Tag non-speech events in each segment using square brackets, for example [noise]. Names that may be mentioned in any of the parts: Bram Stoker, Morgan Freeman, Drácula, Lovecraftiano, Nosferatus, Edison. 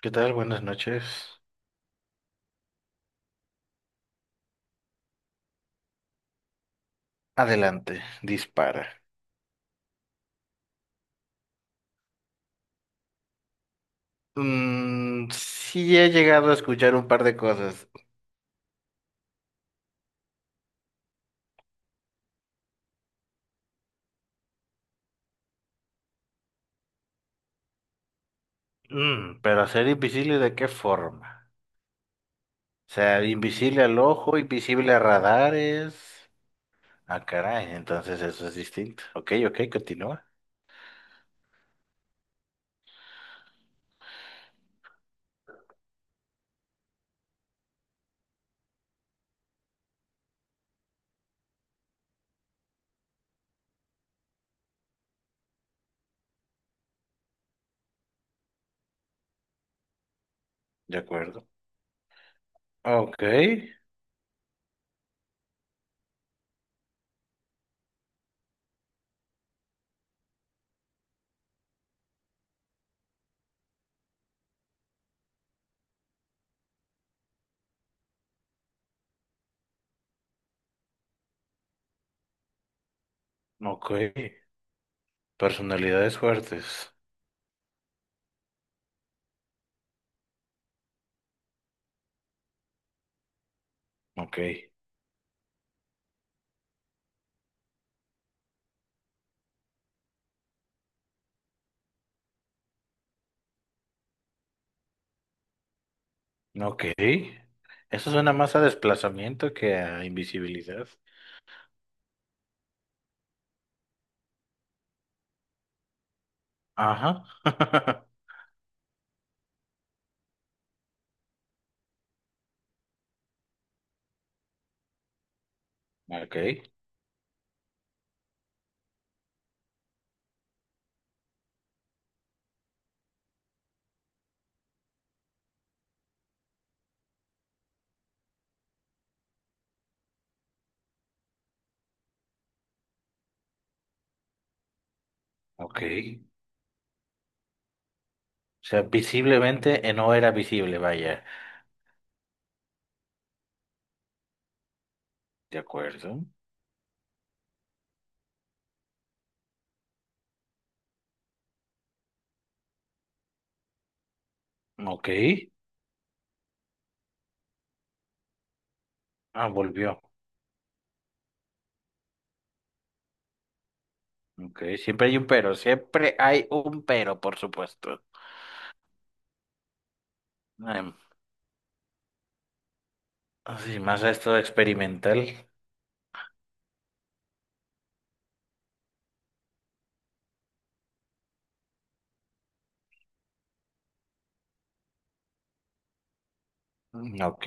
¿Qué tal? Buenas noches. Adelante, dispara. Mm, sí he llegado a escuchar un par de cosas. Mm, pero ser invisible, ¿de qué forma? O sea, invisible al ojo, invisible a radares. Ah, caray, entonces eso es distinto. Ok, ok, continúa. De acuerdo. Ok, ok. Personalidades fuertes. Ok, ok. Eso suena más a desplazamiento que a invisibilidad. Ajá. [laughs] Ok. Ok. O sea, visiblemente no era visible, vaya. De acuerdo. Ok. Ah, volvió. Ok. Siempre hay un pero. Siempre hay un pero, por supuesto. Em, Así, más a esto experimental. Mm, ok.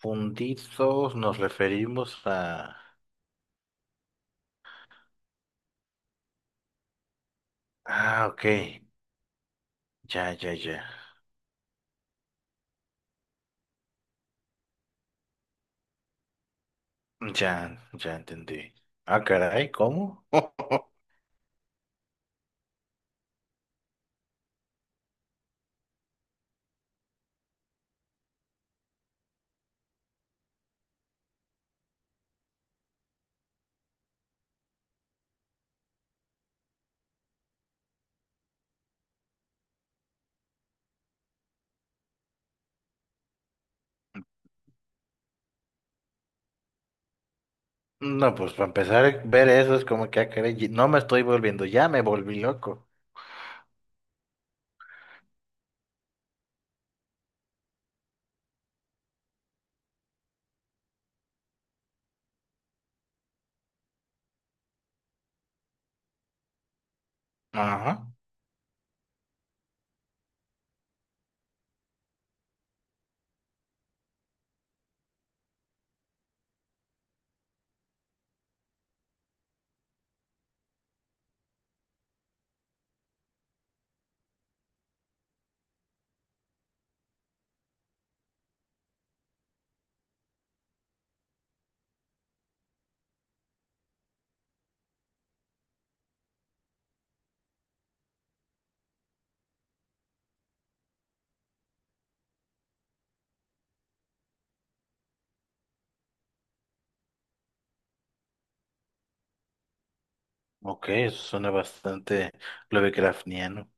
Fundidos nos referimos a... Ah, ok. Ya, ya, ya. Ya, ya entendí. Ah, caray, ¿cómo? [laughs] No, pues para empezar a ver eso es como que, ah, caray, no me estoy volviendo, ya me volví loco. Ajá. Ok, eso suena bastante lovecraftiano.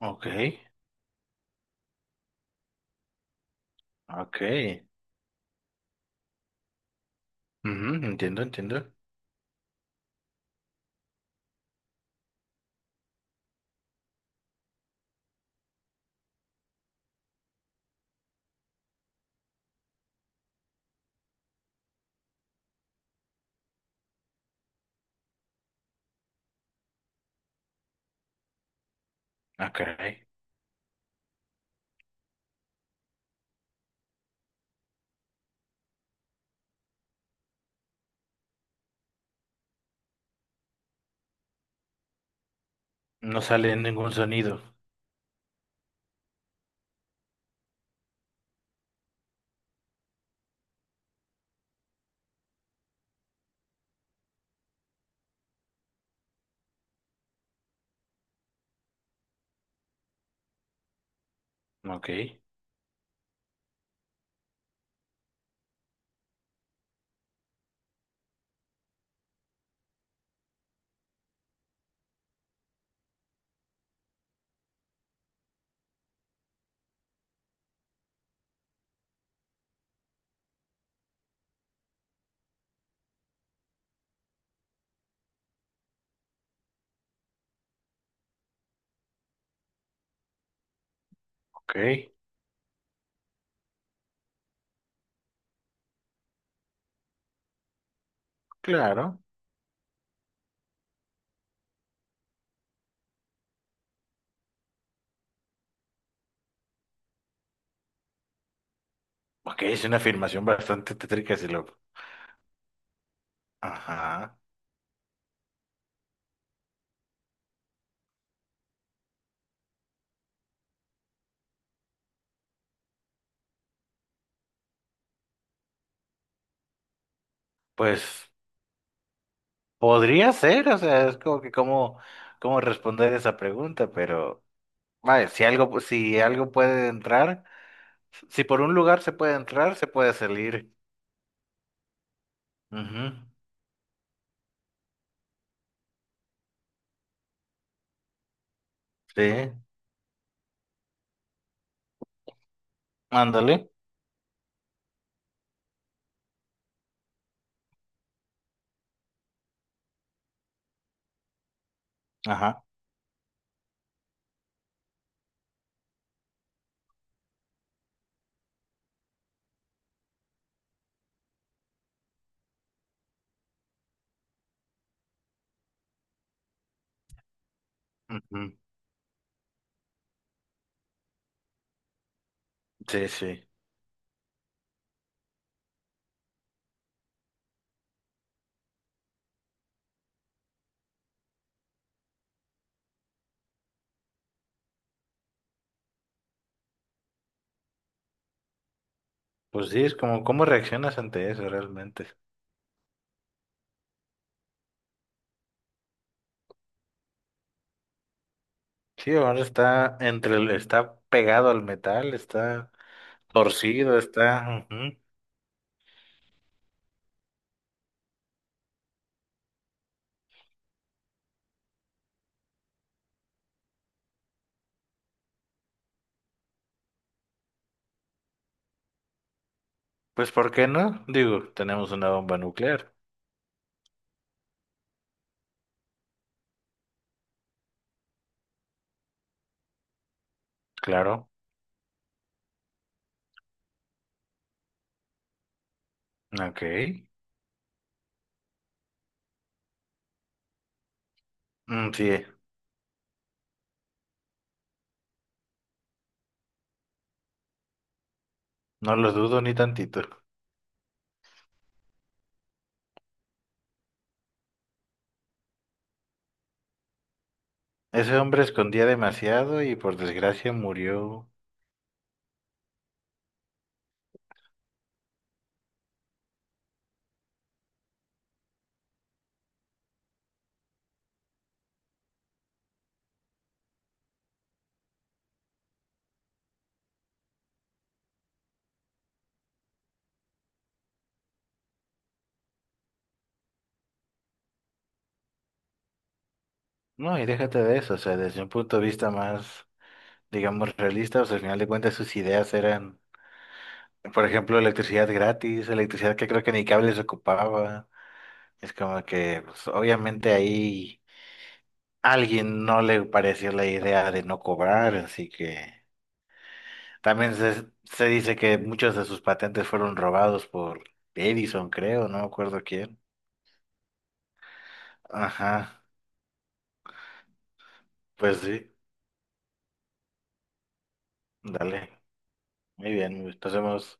Ok, ok. Ujú, entiendo, entiendo. Ah, caray. No sale ningún sonido. Ok, ok. Claro. Ok, es una afirmación bastante tétrica, si lo... Ajá. Pues podría ser, o sea, es como que cómo, cómo responder esa pregunta, pero vaya, si algo, si algo puede entrar, si por un lugar se puede entrar, se puede salir. Ujú, sí. Ándale. Ajá. Ujú. Sí, sí. Pues sí, es como, ¿cómo reaccionas ante eso realmente? Sí, ahora está entre el, está pegado al metal, está torcido, está. Ujú. Pues, ¿por qué no? Digo, tenemos una bomba nuclear. Claro. Ok. Mm, sí, no lo dudo ni tantito. Ese hombre escondía demasiado y por desgracia murió. No, y déjate de eso, o sea, desde un punto de vista más, digamos, realista, o sea, al final de cuentas sus ideas eran, por ejemplo, electricidad gratis, electricidad que creo que ni cables ocupaba. Es como que, pues, obviamente ahí alguien no le pareció la idea de no cobrar, así que también se dice que muchos de sus patentes fueron robados por Edison, creo, no me acuerdo quién. Ajá, pues sí, dale. Muy bien, pues, pasemos.